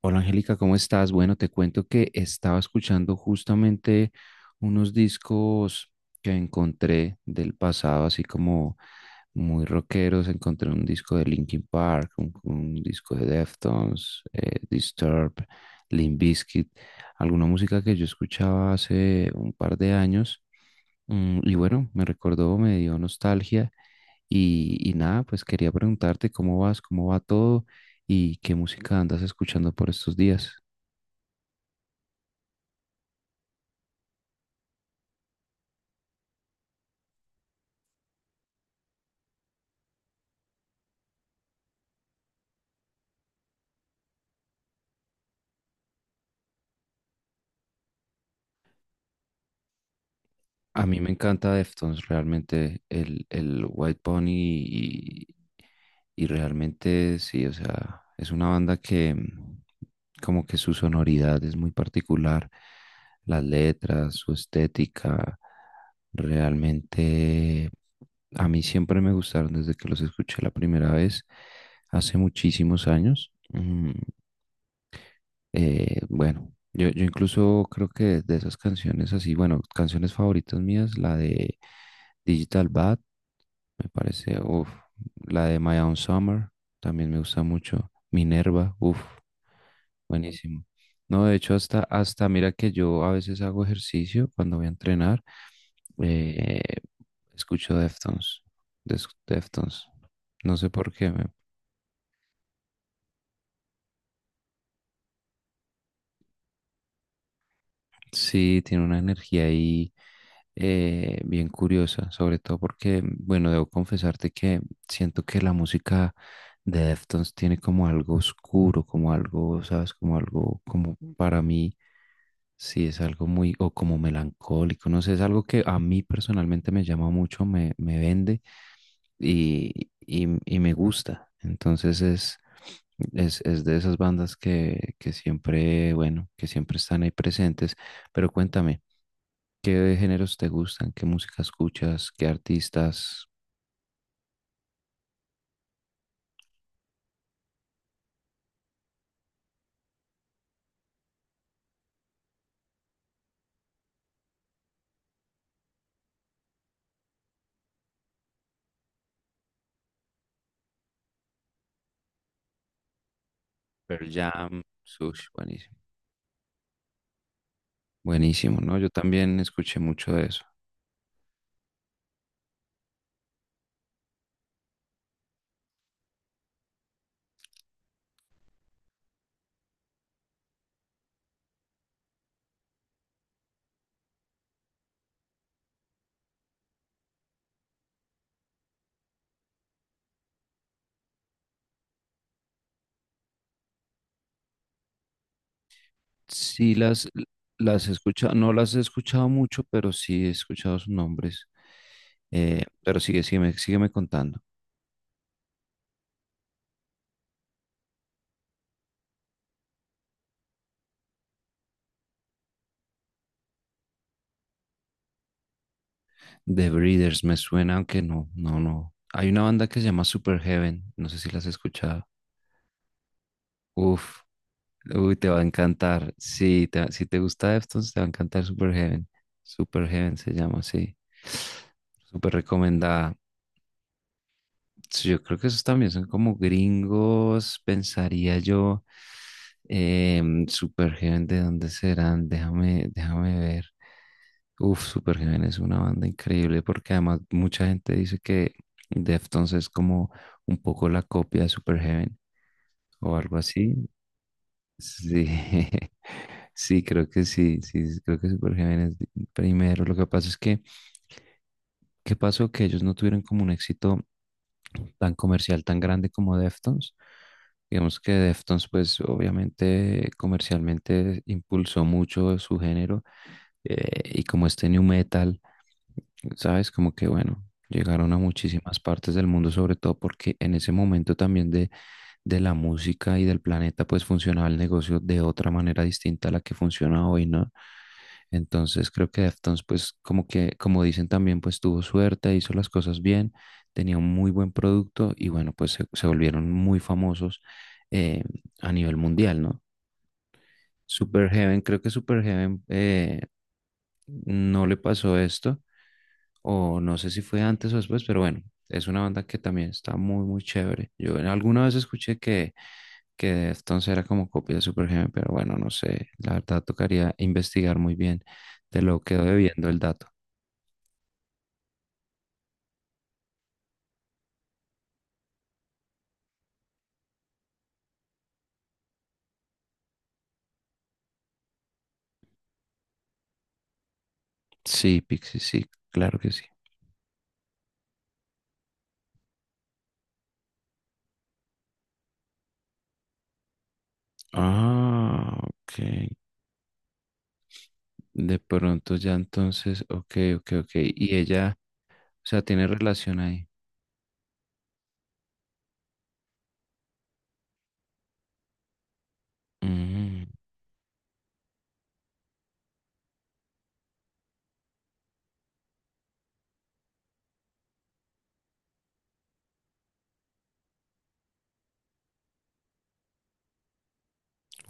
Hola Angélica, ¿cómo estás? Bueno, te cuento que estaba escuchando justamente unos discos que encontré del pasado, así como muy rockeros. Encontré un disco de Linkin Park, un disco de Deftones, Disturbed, Limp Bizkit, alguna música que yo escuchaba hace un par de años. Y bueno, me recordó, me dio nostalgia y nada, pues quería preguntarte cómo vas, cómo va todo y qué música andas escuchando por estos días. A mí me encanta Deftones, realmente el White Pony y realmente sí, o sea, es una banda que como que su sonoridad es muy particular, las letras, su estética, realmente a mí siempre me gustaron desde que los escuché la primera vez, hace muchísimos años. Bueno, yo incluso creo que de esas canciones así, bueno, canciones favoritas mías, la de Digital Bad, me parece, la de My Own Summer, también me gusta mucho. Minerva, uff, buenísimo. No, de hecho, mira que yo a veces hago ejercicio cuando voy a entrenar, eh, escucho Deftones, Deftones, no sé por qué, me... Sí, tiene una energía ahí bien curiosa, sobre todo porque, bueno, debo confesarte que siento que la música de Deftones tiene como algo oscuro, como algo, ¿sabes? Como algo, como para mí, sí, es algo muy, o como melancólico, no sé, es algo que a mí personalmente me llama mucho, me vende y me gusta. Entonces es de esas bandas que siempre, bueno, que siempre están ahí presentes. Pero cuéntame, ¿qué géneros te gustan? ¿Qué música escuchas? ¿Qué artistas? Pearl Jam, Sush, buenísimo. Buenísimo, ¿no? Yo también escuché mucho de eso. Sí, las he escuchado, no las he escuchado mucho, pero sí he escuchado sus nombres. Pero sigue, sígueme contando. The Breeders me suena, aunque no, no, no. Hay una banda que se llama Super Heaven, no sé si las has escuchado. Uf, uy, te va a encantar. Sí, si te gusta Deftones, te va a encantar Superheaven. Superheaven se llama, sí. Súper recomendada. Sí, yo creo que esos también son como gringos, pensaría yo. Superheaven, ¿de dónde serán? Déjame ver. Uf, Superheaven es una banda increíble porque además mucha gente dice que Deftones es como un poco la copia de Superheaven o algo así. Sí, sí, creo que sí, sí, sí, creo que es Super Gémenes primero. Lo que pasa es que, ¿qué pasó? Que ellos no tuvieron como un éxito tan comercial, tan grande como Deftones. Digamos que Deftones, pues obviamente comercialmente impulsó mucho su género, y como este new metal, ¿sabes? Como que bueno, llegaron a muchísimas partes del mundo, sobre todo porque en ese momento también de la música y del planeta, pues funcionaba el negocio de otra manera distinta a la que funciona hoy, ¿no? Entonces creo que Deftones, pues como que, como dicen también, pues tuvo suerte, hizo las cosas bien, tenía un muy buen producto y bueno, pues se volvieron muy famosos, eh, a nivel mundial, ¿no? Superheaven, creo que Superheaven no le pasó esto, o no sé si fue antes o después, pero bueno, es una banda que también está muy, muy chévere. Alguna vez escuché que Deftones era como copia de Supergenial, pero bueno, no sé, la verdad tocaría investigar muy bien. Te lo quedo debiendo el dato. Sí, Pixie, sí, claro que sí. Ah, ok. De pronto ya entonces, ok, ok, ok. Y ella, o sea, tiene relación ahí.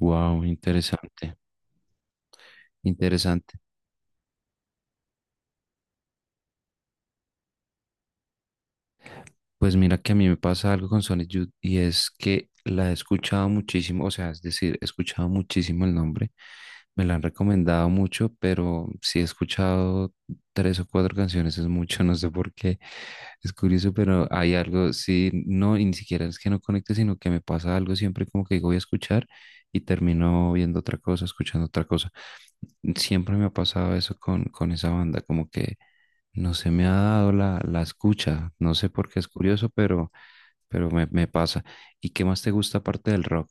Wow, interesante, interesante. Pues mira que a mí me pasa algo con Sonic Youth y es que la he escuchado muchísimo, o sea, es decir, he escuchado muchísimo el nombre, me la han recomendado mucho, pero si he escuchado tres o cuatro canciones es mucho, no sé por qué, es curioso, pero hay algo, sí, no, y ni siquiera es que no conecte, sino que me pasa algo siempre como que digo voy a escuchar y termino viendo otra cosa, escuchando otra cosa. Siempre me ha pasado eso con esa banda, como que no se me ha dado la, la escucha, no sé por qué es curioso, pero me pasa. ¿Y qué más te gusta aparte del rock?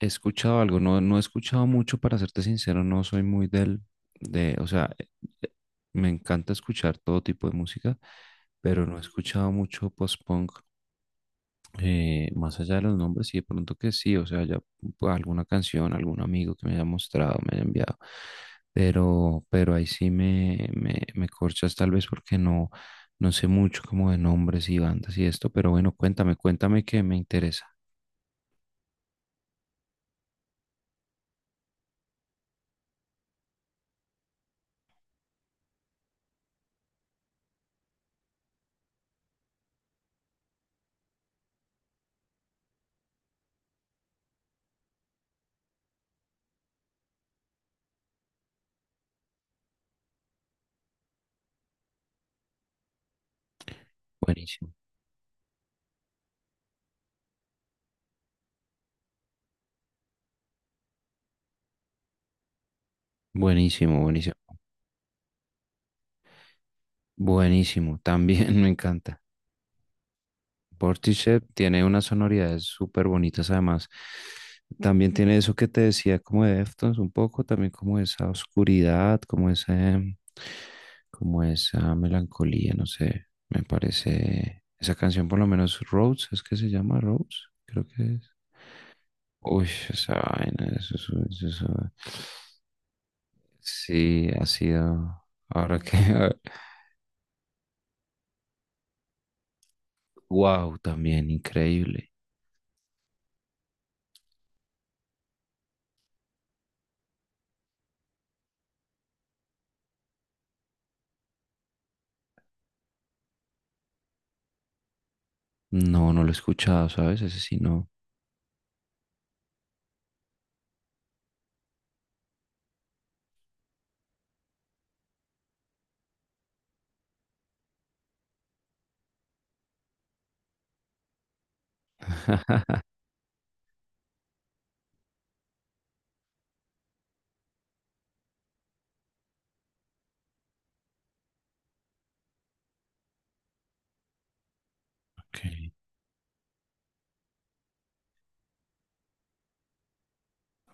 He escuchado algo, no, no he escuchado mucho, para serte sincero, no soy muy del, de, o sea, eh, me encanta escuchar todo tipo de música, pero no he escuchado mucho post-punk, más allá de los nombres, sí, de pronto que sí, o sea, ya pues, alguna canción, algún amigo que me haya mostrado, me haya enviado, pero ahí sí me corchas tal vez porque no, no sé mucho como de nombres y bandas y esto, pero bueno, cuéntame, cuéntame que me interesa. Buenísimo, buenísimo, buenísimo, buenísimo, también me encanta. Portishead tiene unas sonoridades súper bonitas además. También tiene eso que te decía como de Deftones un poco, también como esa oscuridad, como ese, como esa melancolía, no sé, me parece esa canción por lo menos Rose, es que se llama Rose, creo que es. Uy, esa vaina, eso, eso, es un... sí, ha sido, ahora que... wow, también increíble. No, no lo he escuchado, ¿sabes? Ese sí no.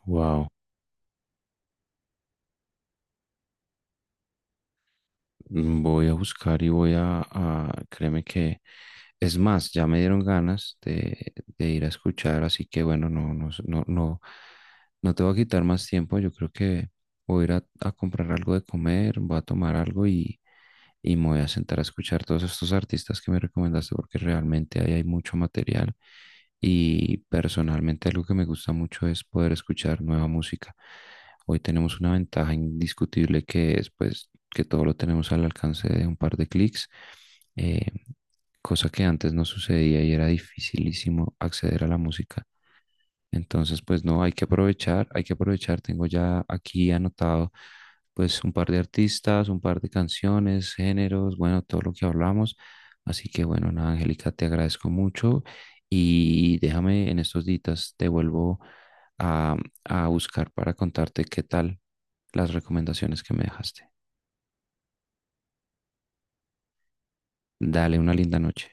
Wow. Voy a buscar y voy créeme que, es más, ya me dieron ganas de ir a escuchar, así que bueno, no, no, no, no, no te voy a quitar más tiempo, yo creo que voy a ir a comprar algo de comer, voy a tomar algo y me voy a sentar a escuchar todos estos artistas que me recomendaste, porque realmente ahí hay mucho material y personalmente algo que me gusta mucho es poder escuchar nueva música. Hoy tenemos una ventaja indiscutible que es pues que todo lo tenemos al alcance de un par de clics, eh, cosa que antes no sucedía y era dificilísimo acceder a la música. Entonces, pues no, hay que aprovechar, hay que aprovechar. Tengo ya aquí anotado pues un par de artistas, un par de canciones, géneros, bueno, todo lo que hablamos. Así que bueno, nada, Angélica, te agradezco mucho y déjame en estos días, te vuelvo a, a buscar para contarte qué tal las recomendaciones que me dejaste. Dale una linda noche.